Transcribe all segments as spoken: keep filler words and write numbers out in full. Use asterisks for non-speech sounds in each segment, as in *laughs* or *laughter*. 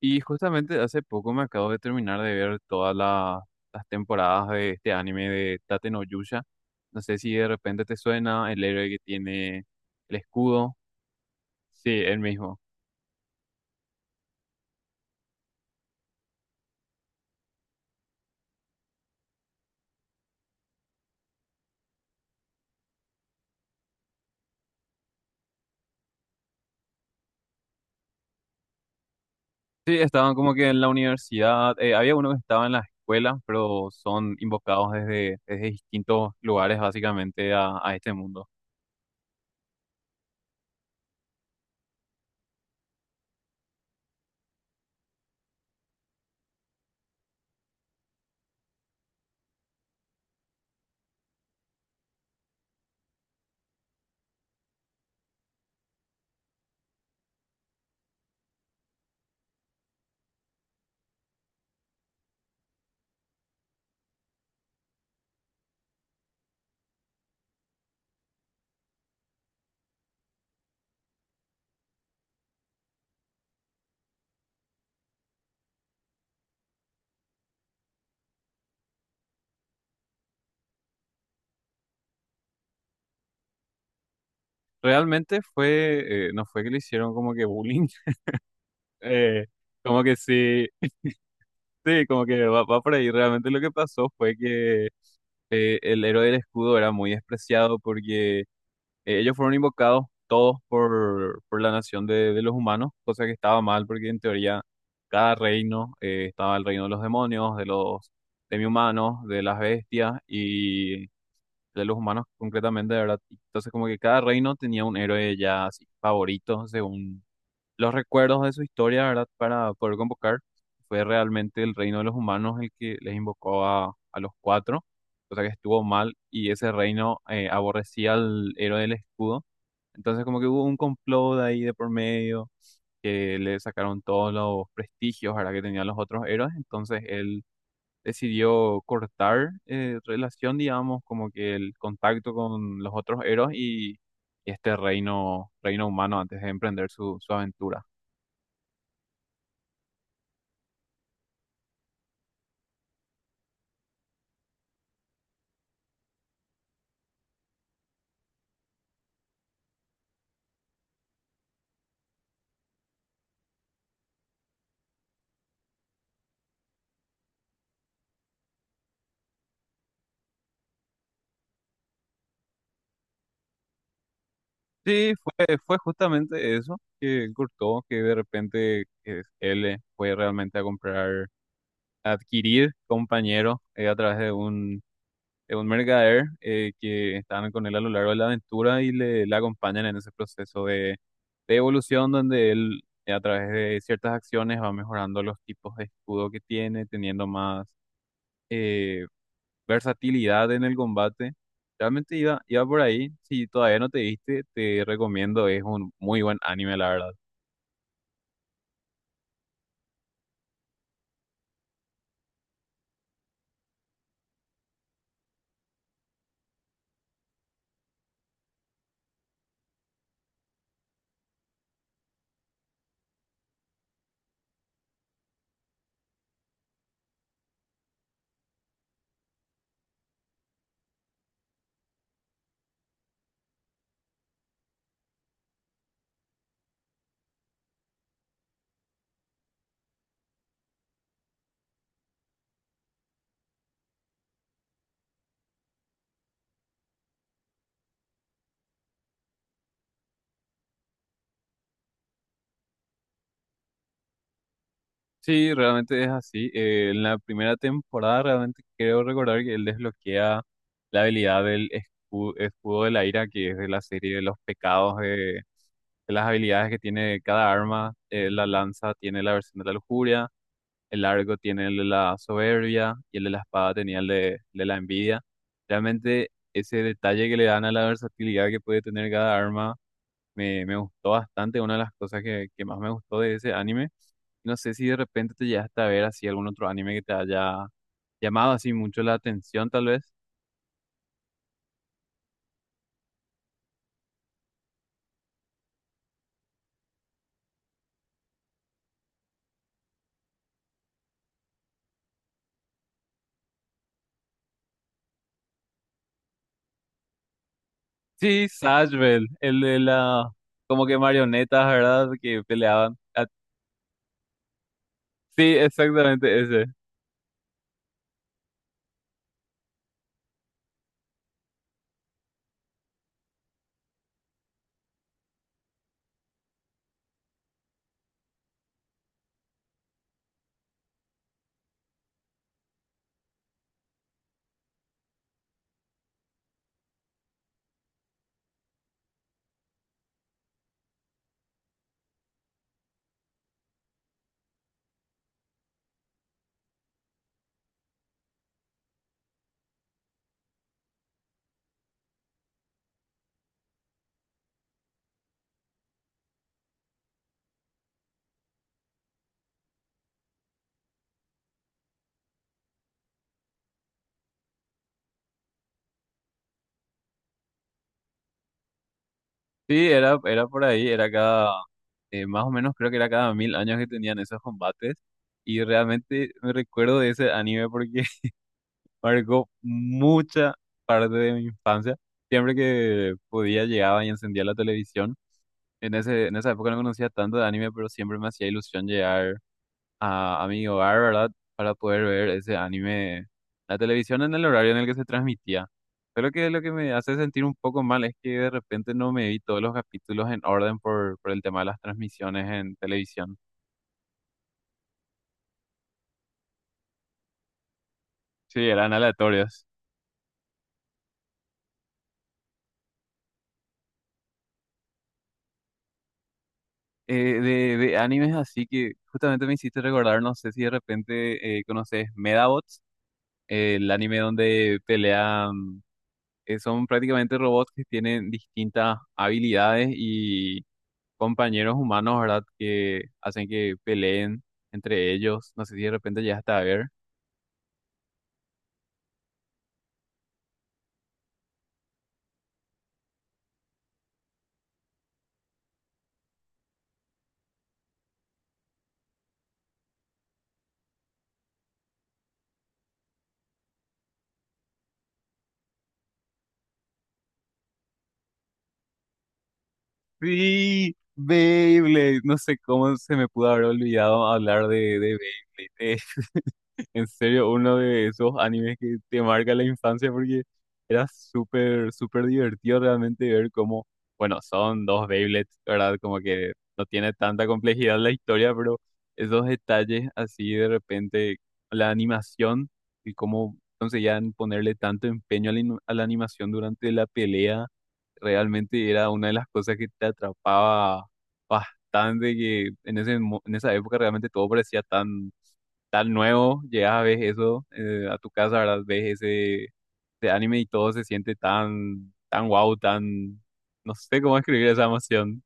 Y justamente hace poco me acabo de terminar de ver todas la- las temporadas de este anime de Tate no Yusha. No sé si de repente te suena el héroe que tiene el escudo. Sí, él mismo. Sí, estaban como que en la universidad. Eh, había uno que estaba en la escuela, pero son invocados desde, desde distintos lugares básicamente a, a este mundo. Realmente fue, eh, no fue que le hicieron como que bullying. *laughs* eh, Como que sí, *laughs* sí, como que va, va por ahí. Realmente lo que pasó fue que eh, el héroe del escudo era muy despreciado porque eh, ellos fueron invocados todos por, por la nación de, de los humanos, cosa que estaba mal porque en teoría cada reino eh, estaba el reino de los demonios, de los demi-humanos, de las bestias y de los humanos concretamente, de verdad. Entonces como que cada reino tenía un héroe ya así favorito según los recuerdos de su historia, ¿verdad? Para poder convocar. Fue realmente el reino de los humanos el que les invocó a, a los cuatro, cosa que estuvo mal y ese reino eh, aborrecía al héroe del escudo. Entonces como que hubo un complot ahí de por medio, que le sacaron todos los prestigios, ¿verdad? Que tenían los otros héroes. Entonces él decidió cortar eh, relación, digamos, como que el contacto con los otros héroes y... y este reino, reino humano antes de emprender su, su aventura. Sí, fue, fue justamente eso que Courtois, que de repente eh, él fue realmente a comprar, a adquirir compañeros eh, a través de un, de un mercader eh, que estaban con él a lo largo de la aventura y le, le acompañan en ese proceso de, de evolución donde él eh, a través de ciertas acciones va mejorando los tipos de escudo que tiene, teniendo más eh, versatilidad en el combate. Realmente iba, iba por ahí. Si todavía no te viste, te recomiendo. Es un muy buen anime, la verdad. Sí, realmente es así. Eh, en la primera temporada realmente creo recordar que él desbloquea la habilidad del escu- escudo, de la ira, que es de la serie de los pecados, de, de las habilidades que tiene cada arma. Eh, la lanza tiene la versión de la lujuria. El largo tiene el de la soberbia y el de la espada tenía el de, el de la envidia. Realmente ese detalle que le dan a la versatilidad que puede tener cada arma me, me gustó bastante, una de las cosas que, que más me gustó de ese anime. No sé si de repente te llegaste a ver así algún otro anime que te haya llamado así mucho la atención, tal vez. Sí, Sashville, el de la como que marionetas, ¿verdad? Que peleaban. Ah, sí, exactamente ese. Sí, era, era por ahí, era cada, eh, más o menos creo que era cada mil años que tenían esos combates. Y realmente me recuerdo de ese anime porque *laughs* marcó mucha parte de mi infancia. Siempre que podía llegaba y encendía la televisión. En ese, en esa época no conocía tanto de anime, pero siempre me hacía ilusión llegar a, a mi hogar, ¿verdad? Para poder ver ese anime, la televisión en el horario en el que se transmitía. Pero que lo que me hace sentir un poco mal es que de repente no me vi todos los capítulos en orden por, por el tema de las transmisiones en televisión. Sí, eran aleatorias. Eh, de, de animes así que justamente me hiciste recordar, no sé si de repente eh, conoces Medabots, eh, el anime donde pelean, eh, son prácticamente robots que tienen distintas habilidades y compañeros humanos, ¿verdad? Que hacen que peleen entre ellos. No sé si de repente llegaste a ver. Sí, Beyblade. No sé cómo se me pudo haber olvidado hablar de, de Beyblade. En serio, uno de esos animes que te marca la infancia porque era súper, súper divertido realmente ver cómo, bueno, son dos Beyblades, ¿verdad? Como que no tiene tanta complejidad la historia, pero esos detalles así de repente, la animación y cómo conseguían ponerle tanto empeño a la, inu- a la animación durante la pelea realmente era una de las cosas que te atrapaba bastante, que en ese, mo- en esa época realmente todo parecía tan, tan nuevo, llegas a ver eso eh, a tu casa, ¿verdad? Ves ese, ese anime y todo se siente tan, tan wow, tan, no sé cómo escribir esa emoción.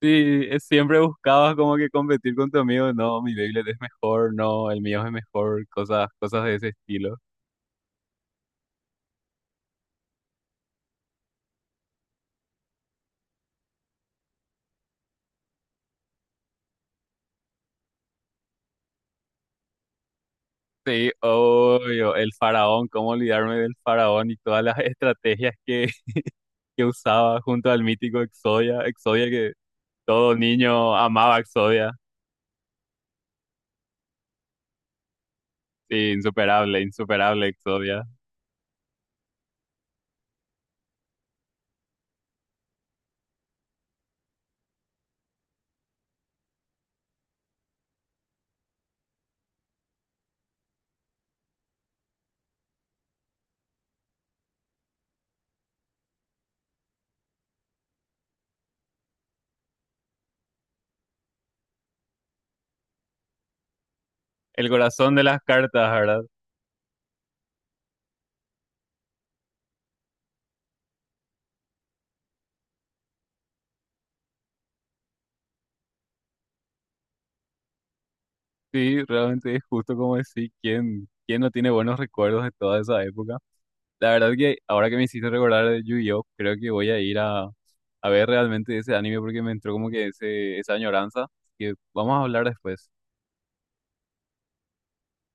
Sí, es- siempre buscabas como que competir con tu amigo, no, mi Beyblade es mejor, no, el mío es mejor, cosas, cosas de ese estilo. Sí, obvio, el faraón, cómo olvidarme del faraón y todas las *laughs* estrategias que que usaba junto al mítico Exodia, Exodia que todo niño amaba Exodia. Sí, insuperable, insuperable Exodia. El corazón de las cartas, ¿verdad? Sí, realmente es justo como decir, ¿quién, quién no tiene buenos recuerdos de toda esa época? La verdad que ahora que me hiciste recordar de Yu-Gi-Oh, creo que voy a ir a, a ver realmente ese anime porque me entró como que ese, esa añoranza que vamos a hablar después.